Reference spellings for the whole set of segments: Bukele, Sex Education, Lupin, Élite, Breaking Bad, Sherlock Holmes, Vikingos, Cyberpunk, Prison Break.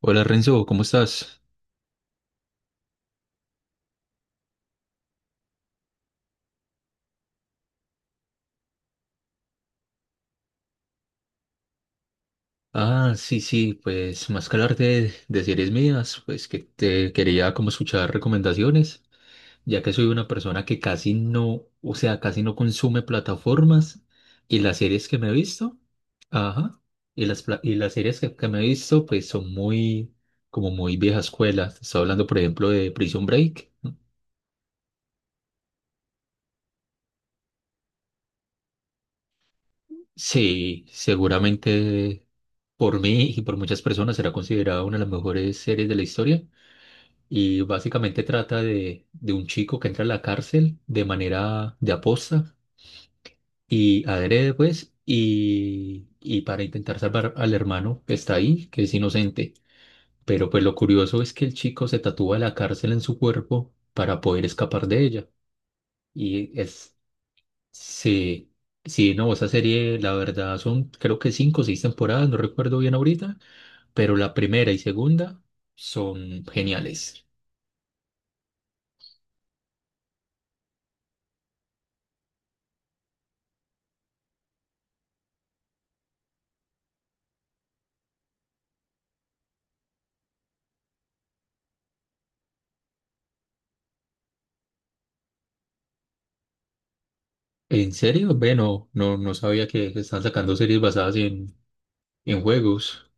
Hola Renzo, ¿cómo estás? Ah, sí, sí, pues más que hablar de series mías, pues que te quería como escuchar recomendaciones, ya que soy una persona que casi no, o sea, casi no consume plataformas y las series que me he visto, ajá, y las series que me he visto, pues son muy, como muy vieja escuela. Estoy hablando, por ejemplo, de Prison Break. Sí, seguramente por mí y por muchas personas será considerada una de las mejores series de la historia. Y básicamente trata de un chico que entra a la cárcel de manera de aposta y adrede, pues, y para intentar salvar al hermano que está ahí, que es inocente. Pero pues lo curioso es que el chico se tatúa la cárcel en su cuerpo para poder escapar de ella. Y es, sí, sí, no, esa serie, la verdad, son creo que 5 o 6 temporadas, no recuerdo bien ahorita, pero la primera y segunda son geniales. ¿En serio? Bueno, no, no sabía que están sacando series basadas en juegos.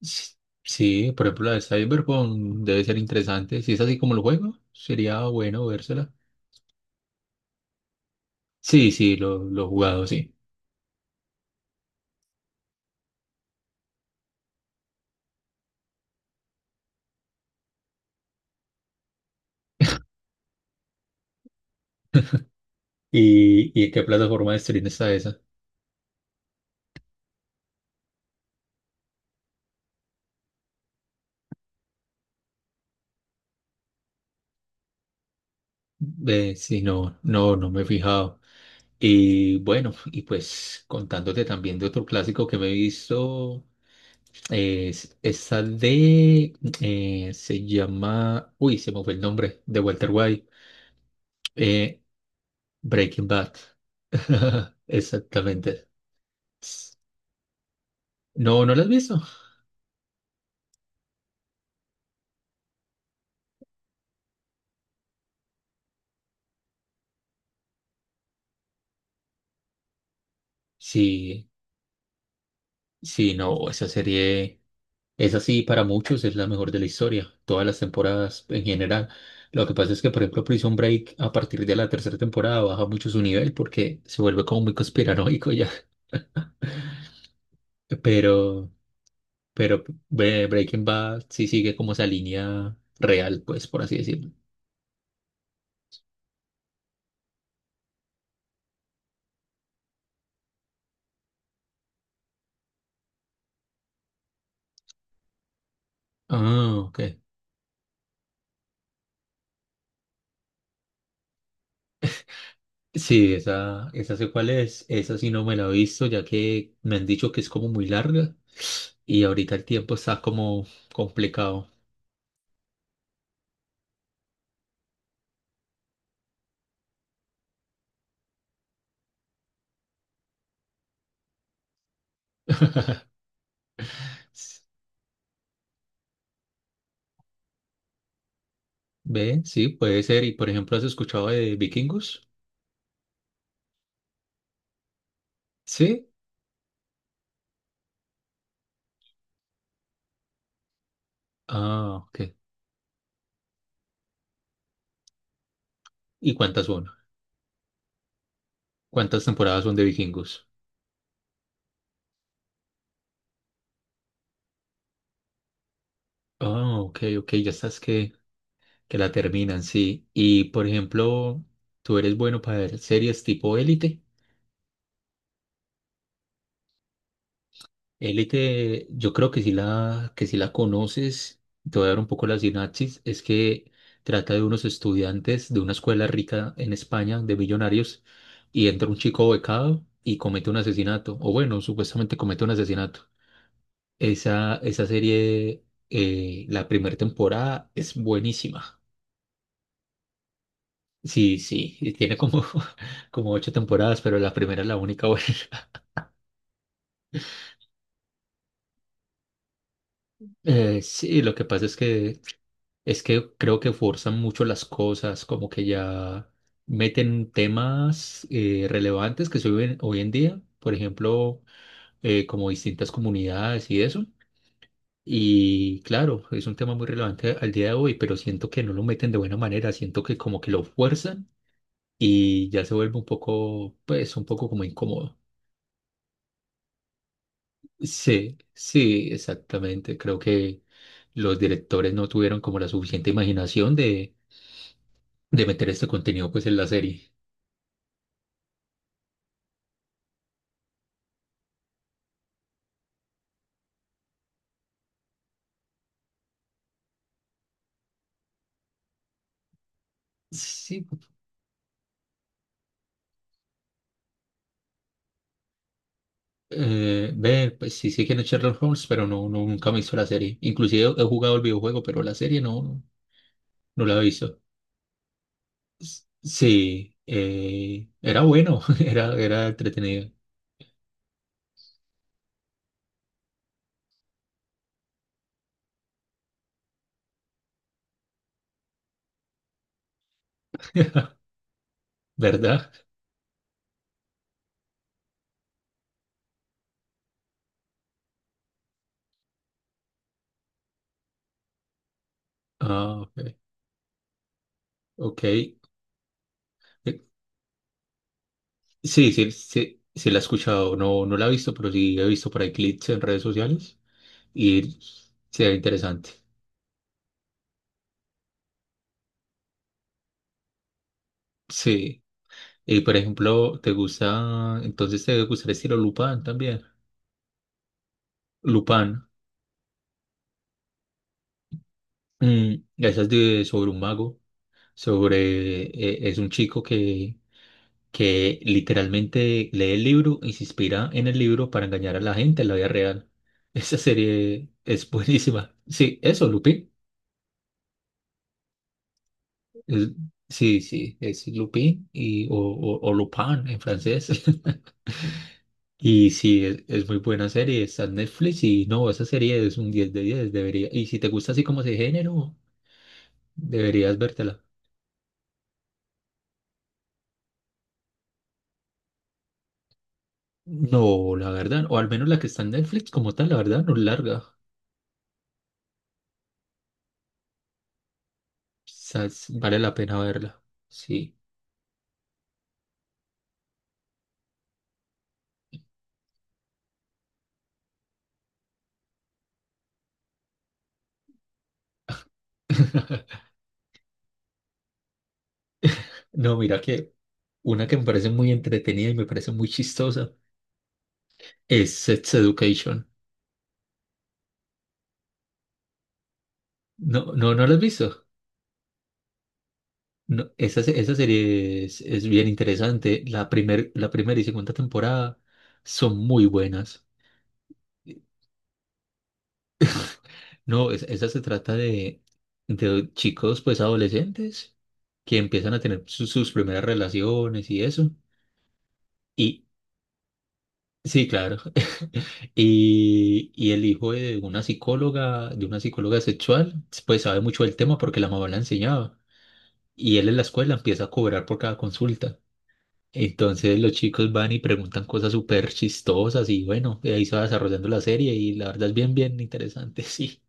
S- Sí, por ejemplo, la de Cyberpunk debe ser interesante. Si es así como el juego, sería bueno vérsela. Sí, sí, lo he jugado, sí. Y en qué plataforma de stream está esa? Ve, sí, no, no, no me he fijado. Y bueno, y pues contándote también de otro clásico que me he visto, es esa de, se llama, uy, se me fue el nombre, de Walter White. Eh, Breaking Bad. Exactamente. No, ¿no la has visto? Sí, sí, no, esa serie es así para muchos, es la mejor de la historia, todas las temporadas en general. Lo que pasa es que, por ejemplo, Prison Break a partir de la tercera temporada baja mucho su nivel porque se vuelve como muy conspiranoico ya. Pero, pero Breaking Bad sí sigue como esa línea real, pues, por así decirlo. Ah, ok. Sí, esa sé cuál es. Esa sí no me la he visto, ya que me han dicho que es como muy larga y ahorita el tiempo está como complicado. ¿Ve? Sí, puede ser. Y por ejemplo, ¿has escuchado de Vikingos? Sí. Ah, ok. ¿Y cuántas son? ¿Cuántas temporadas son de Vikingos? Ah, ok, ok. Ya estás que la terminan, sí. Y por ejemplo, ¿tú eres bueno para ver series tipo Élite? Élite, yo creo que si la conoces, te voy a dar un poco la sinapsis, es que trata de unos estudiantes de una escuela rica en España, de millonarios, y entra un chico becado y comete un asesinato, o bueno, supuestamente comete un asesinato. Esa serie, la primera temporada es buenísima. Sí, sí, y tiene como, como 8 temporadas, pero la primera es la única buena. Sí, lo que pasa es que es que creo que forzan mucho las cosas, como que ya meten temas relevantes que se viven hoy en día, por ejemplo, como distintas comunidades y eso. Y claro, es un tema muy relevante al día de hoy, pero siento que no lo meten de buena manera, siento que como que lo fuerzan y ya se vuelve un poco, pues, un poco como incómodo. Sí, sí, exactamente. Creo que los directores no tuvieron como la suficiente imaginación de meter este contenido pues en la serie. Sí, ve, pues sí sé quién es Sherlock Holmes, pero no, no, nunca me he visto la serie. Inclusive he jugado el videojuego, pero la serie no, no, no la he visto. Sí, era bueno, era, era entretenido, ¿verdad? Ah, ok. Ok. Eh, sí, sí, sí, sí la he escuchado, no, no la he visto, pero sí he visto por ahí clips en redes sociales y se ve interesante. Sí, y por ejemplo, ¿te gusta, entonces te gusta el estilo Lupin también? Lupin. Mm, esa es de, sobre un mago, sobre, es un chico que literalmente lee el libro y se inspira en el libro para engañar a la gente en la vida real. Esa serie es buenísima. Sí, eso, Lupin. Es- sí, sí, es Lupin y, o Lupin en francés. Y sí, es muy buena serie, está en Netflix y no, esa serie es un 10 de 10 debería. Y si te gusta así como ese género, deberías vértela. No, la verdad, o al menos la que está en Netflix como tal, la verdad, no es larga. Quizás vale la pena verla. Sí. No, mira que una que me parece muy entretenida y me parece muy chistosa es Sex Education. No, no, no la has visto. No, esa, esa serie es bien interesante. La primer, la primera y segunda temporada son muy buenas. No, esa se trata de chicos pues adolescentes que empiezan a tener sus primeras relaciones y eso. Y sí, claro. Y, y el hijo de una psicóloga sexual, pues sabe mucho del tema porque la mamá la enseñaba. Y él en la escuela empieza a cobrar por cada consulta. Entonces los chicos van y preguntan cosas súper chistosas y bueno, de ahí se va desarrollando la serie y la verdad es bien, bien interesante, sí.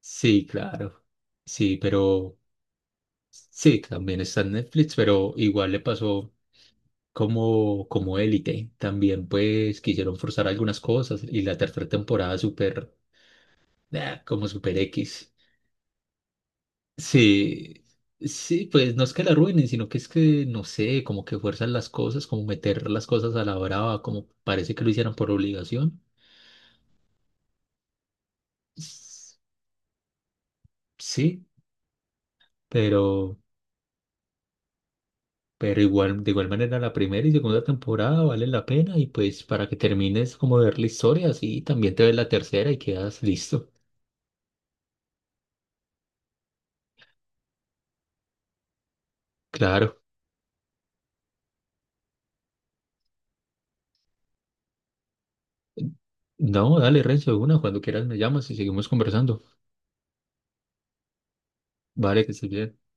Sí, claro. Sí, pero sí, también está en Netflix, pero igual le pasó, como, como Élite. También pues quisieron forzar algunas cosas y la tercera temporada súper, ah, como super X. Sí, sí, pues no es que la arruinen, sino que es que, no sé, como que fuerzan las cosas, como meter las cosas a la brava, como parece que lo hicieran por obligación. S- Sí, pero, pero igual, de igual manera la primera y segunda temporada vale la pena y pues para que termines como de ver la historia, así también te ves la tercera y quedas listo. Claro. No, dale, Renzo, de una, cuando quieras me llamas y seguimos conversando. Vale, que estés bien.